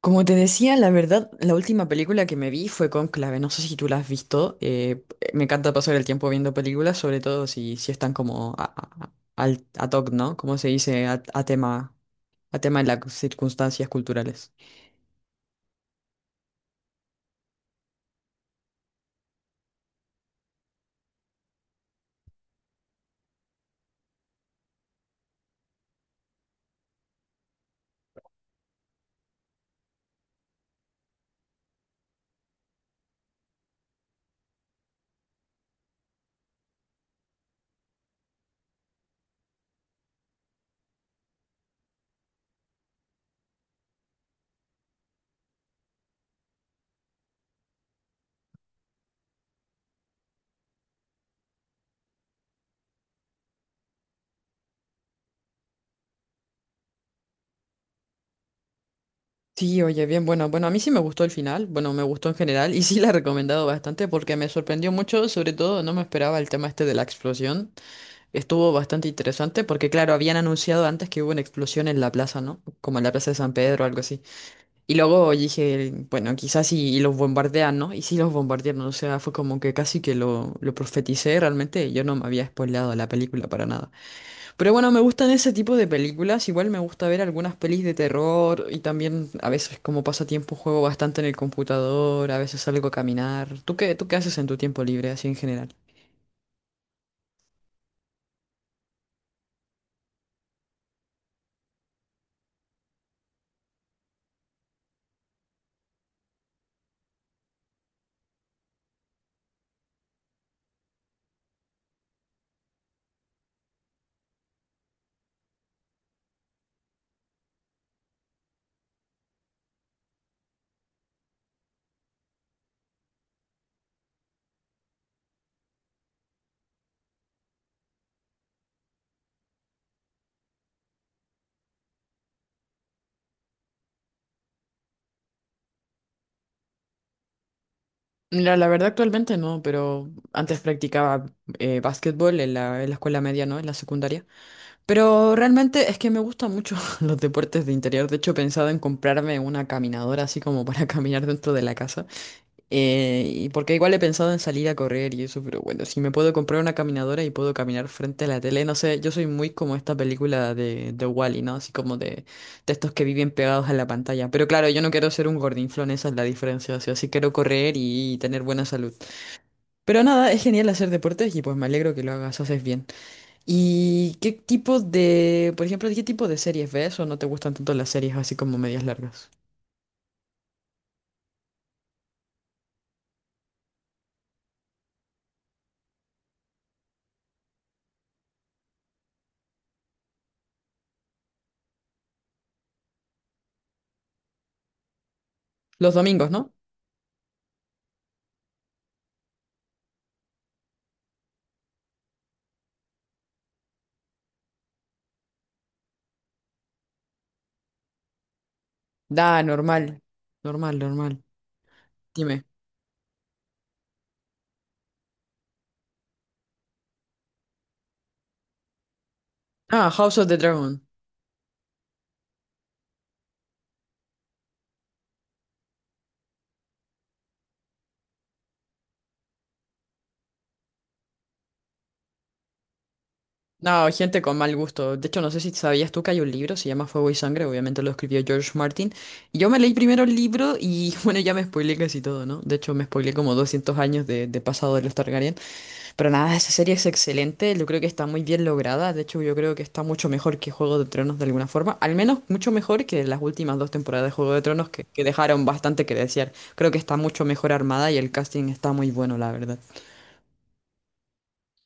Como te decía, la verdad, la última película que me vi fue Cónclave. No sé si tú la has visto. Me encanta pasar el tiempo viendo películas, sobre todo si están como ad hoc, ¿no? Como se dice, a tema de las circunstancias culturales. Sí, oye, bien, bueno, a mí sí me gustó el final. Bueno, me gustó en general y sí la he recomendado bastante porque me sorprendió mucho. Sobre todo, no me esperaba el tema este de la explosión. Estuvo bastante interesante porque, claro, habían anunciado antes que hubo una explosión en la plaza, ¿no? Como en la plaza de San Pedro o algo así. Y luego dije, bueno, los bombardean, ¿no? Y sí los bombardearon, o sea, fue como que casi que lo profeticé realmente, yo no me había spoileado la película para nada. Pero bueno, me gustan ese tipo de películas, igual me gusta ver algunas pelis de terror y también a veces como pasatiempo juego bastante en el computador, a veces salgo a caminar. Tú qué haces en tu tiempo libre, así en general? Mira, la verdad actualmente no, pero antes practicaba básquetbol en en la escuela media, ¿no? En la secundaria. Pero realmente es que me gustan mucho los deportes de interior. De hecho, he pensado en comprarme una caminadora así como para caminar dentro de la casa. Y porque igual he pensado en salir a correr y eso, pero bueno, si me puedo comprar una caminadora y puedo caminar frente a la tele, no sé, yo soy muy como esta película de Wall-E, ¿no? Así como de estos que viven pegados a la pantalla. Pero claro, yo no quiero ser un gordinflón, esa es la diferencia. O sea, sí quiero correr y tener buena salud. Pero nada, es genial hacer deportes y pues me alegro que lo hagas, haces bien. ¿Y qué tipo de, por ejemplo, qué tipo de series ves o no te gustan tanto las series así como medias largas? Los domingos, ¿no? Da, normal. Normal, normal. Dime. Ah, House of the Dragon. No, gente con mal gusto. De hecho, no sé si sabías tú que hay un libro, se llama Fuego y Sangre, obviamente lo escribió George Martin. Y yo me leí primero el libro y bueno, ya me spoileé casi todo, ¿no? De hecho, me spoileé como 200 años de pasado de los Targaryen. Pero nada, esa serie es excelente, yo creo que está muy bien lograda, de hecho yo creo que está mucho mejor que Juego de Tronos de alguna forma, al menos mucho mejor que las últimas dos temporadas de Juego de Tronos que dejaron bastante que desear. Creo que está mucho mejor armada y el casting está muy bueno, la verdad.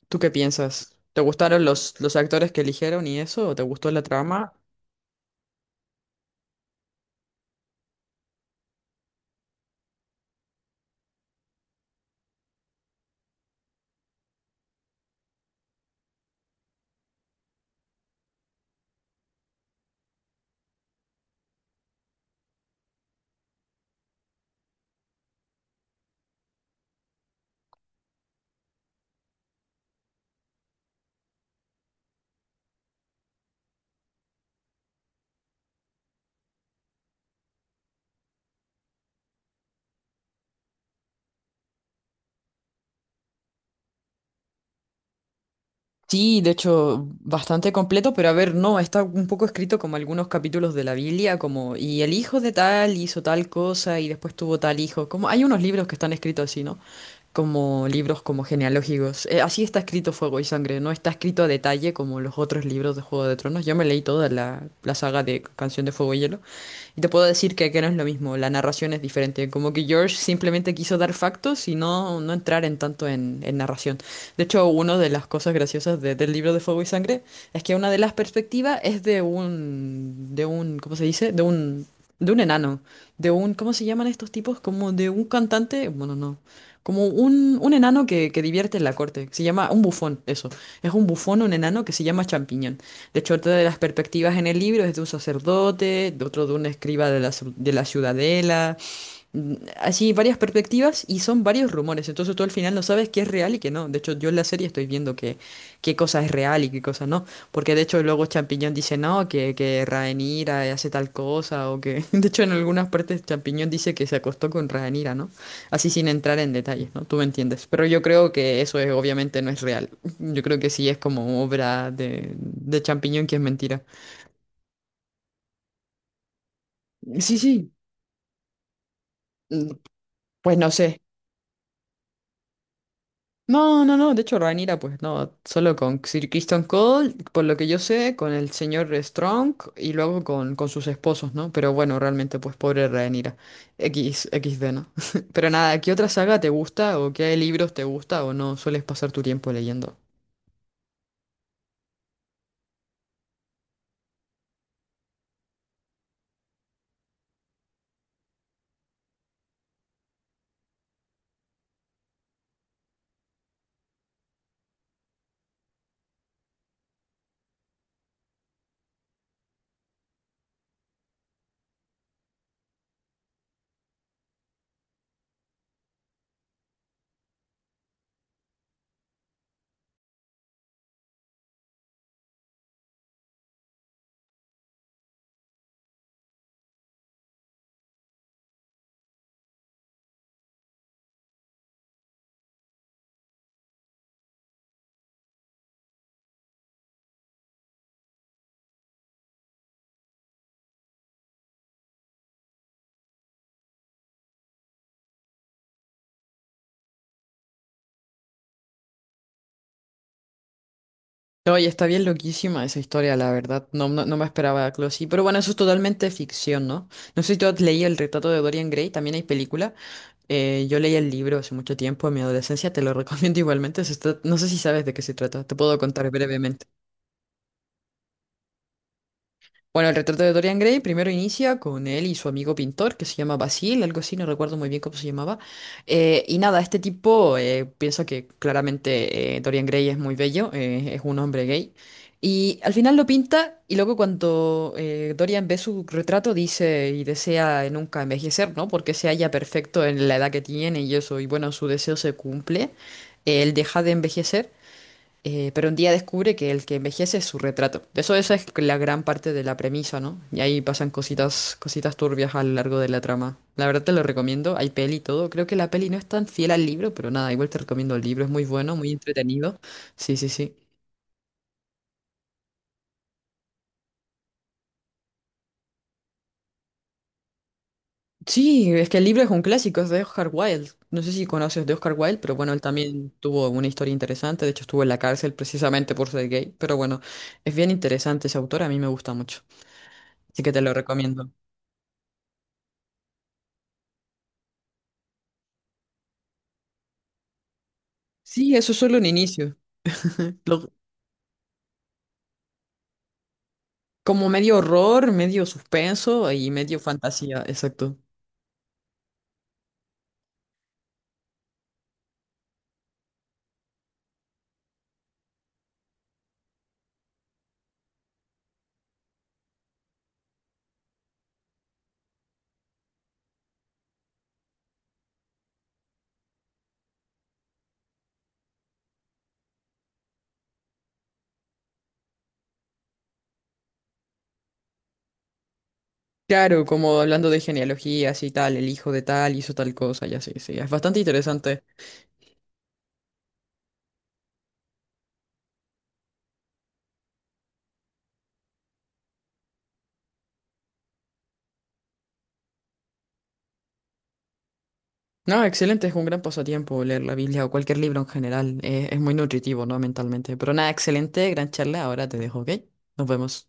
¿Tú qué piensas? ¿Te gustaron los actores que eligieron y eso? ¿O te gustó la trama? Sí, de hecho, bastante completo, pero a ver, no, está un poco escrito como algunos capítulos de la Biblia, como, y el hijo de tal hizo tal cosa y después tuvo tal hijo, como hay unos libros que están escritos así, ¿no? Como libros como genealógicos. Así está escrito Fuego y Sangre, no está escrito a detalle como los otros libros de Juego de Tronos. Yo me leí toda la saga de Canción de Fuego y Hielo y te puedo decir que no es lo mismo, la narración es diferente, como que George simplemente quiso dar factos y no entrar en tanto en narración. De hecho, una de las cosas graciosas del libro de Fuego y Sangre es que una de las perspectivas es de de un, ¿cómo se dice? De de un enano, de un, ¿cómo se llaman estos tipos? Como de un cantante, bueno, no. Como un enano que divierte en la corte. Se llama un bufón, eso. Es un bufón, un enano que se llama Champiñón. De hecho, otra de las perspectivas en el libro es de un sacerdote, de otro de un escriba de de la ciudadela. Así varias perspectivas y son varios rumores, entonces tú al final no sabes qué es real y qué no. De hecho, yo en la serie estoy viendo que qué cosa es real y qué cosa no, porque de hecho luego Champiñón dice no, que Rhaenyra hace tal cosa o que... De hecho, en algunas partes Champiñón dice que se acostó con Rhaenyra, ¿no? Así sin entrar en detalles, ¿no? Tú me entiendes. Pero yo creo que eso es, obviamente no es real. Yo creo que sí es como obra de Champiñón que es mentira. Sí, sí. Mm, Pues no sé. No, no, no, de hecho Rhaenyra pues no, solo con Sir Christian Cole, por lo que yo sé, con el señor Strong y luego con sus esposos, ¿no? Pero bueno, realmente pues pobre Rhaenyra, X, XD, ¿no? Pero nada, ¿qué otra saga te gusta o qué libros te gusta o no sueles pasar tu tiempo leyendo? Oye, está bien loquísima esa historia, la verdad. No, no, no me esperaba algo así. Pero bueno, eso es totalmente ficción, ¿no? No sé si tú has leído El retrato de Dorian Gray, también hay película. Yo leí el libro hace mucho tiempo, en mi adolescencia, te lo recomiendo igualmente. No sé si sabes de qué se trata, te puedo contar brevemente. Bueno, el retrato de Dorian Gray primero inicia con él y su amigo pintor que se llama Basil, algo así, no recuerdo muy bien cómo se llamaba. Y nada, este tipo piensa que claramente Dorian Gray es muy bello, es un hombre gay. Y al final lo pinta y luego cuando Dorian ve su retrato dice y desea nunca envejecer, ¿no? Porque se halla perfecto en la edad que tiene y eso, y bueno, su deseo se cumple. Él deja de envejecer. Pero un día descubre que el que envejece es su retrato. Eso, esa es la gran parte de la premisa, ¿no? Y ahí pasan cositas, cositas turbias a lo largo de la trama. La verdad te lo recomiendo, hay peli y todo. Creo que la peli no es tan fiel al libro, pero nada, igual te recomiendo el libro, es muy bueno, muy entretenido. Sí, sí, sí. Sí, es que el libro es un clásico, es de Oscar Wilde. No sé si conoces de Oscar Wilde, pero bueno, él también tuvo una historia interesante. De hecho, estuvo en la cárcel precisamente por ser gay. Pero bueno, es bien interesante ese autor, a mí me gusta mucho. Así que te lo recomiendo. Sí, eso es solo un inicio. Lo- como medio horror, medio suspenso y medio fantasía, exacto. Claro, como hablando de genealogías y tal, el hijo de tal hizo tal cosa, ya sí, sí, es bastante interesante. No, excelente, es un gran pasatiempo leer la Biblia o cualquier libro en general, es muy nutritivo, ¿no? Mentalmente. Pero nada, excelente, gran charla, ahora te dejo, ¿ok? Nos vemos.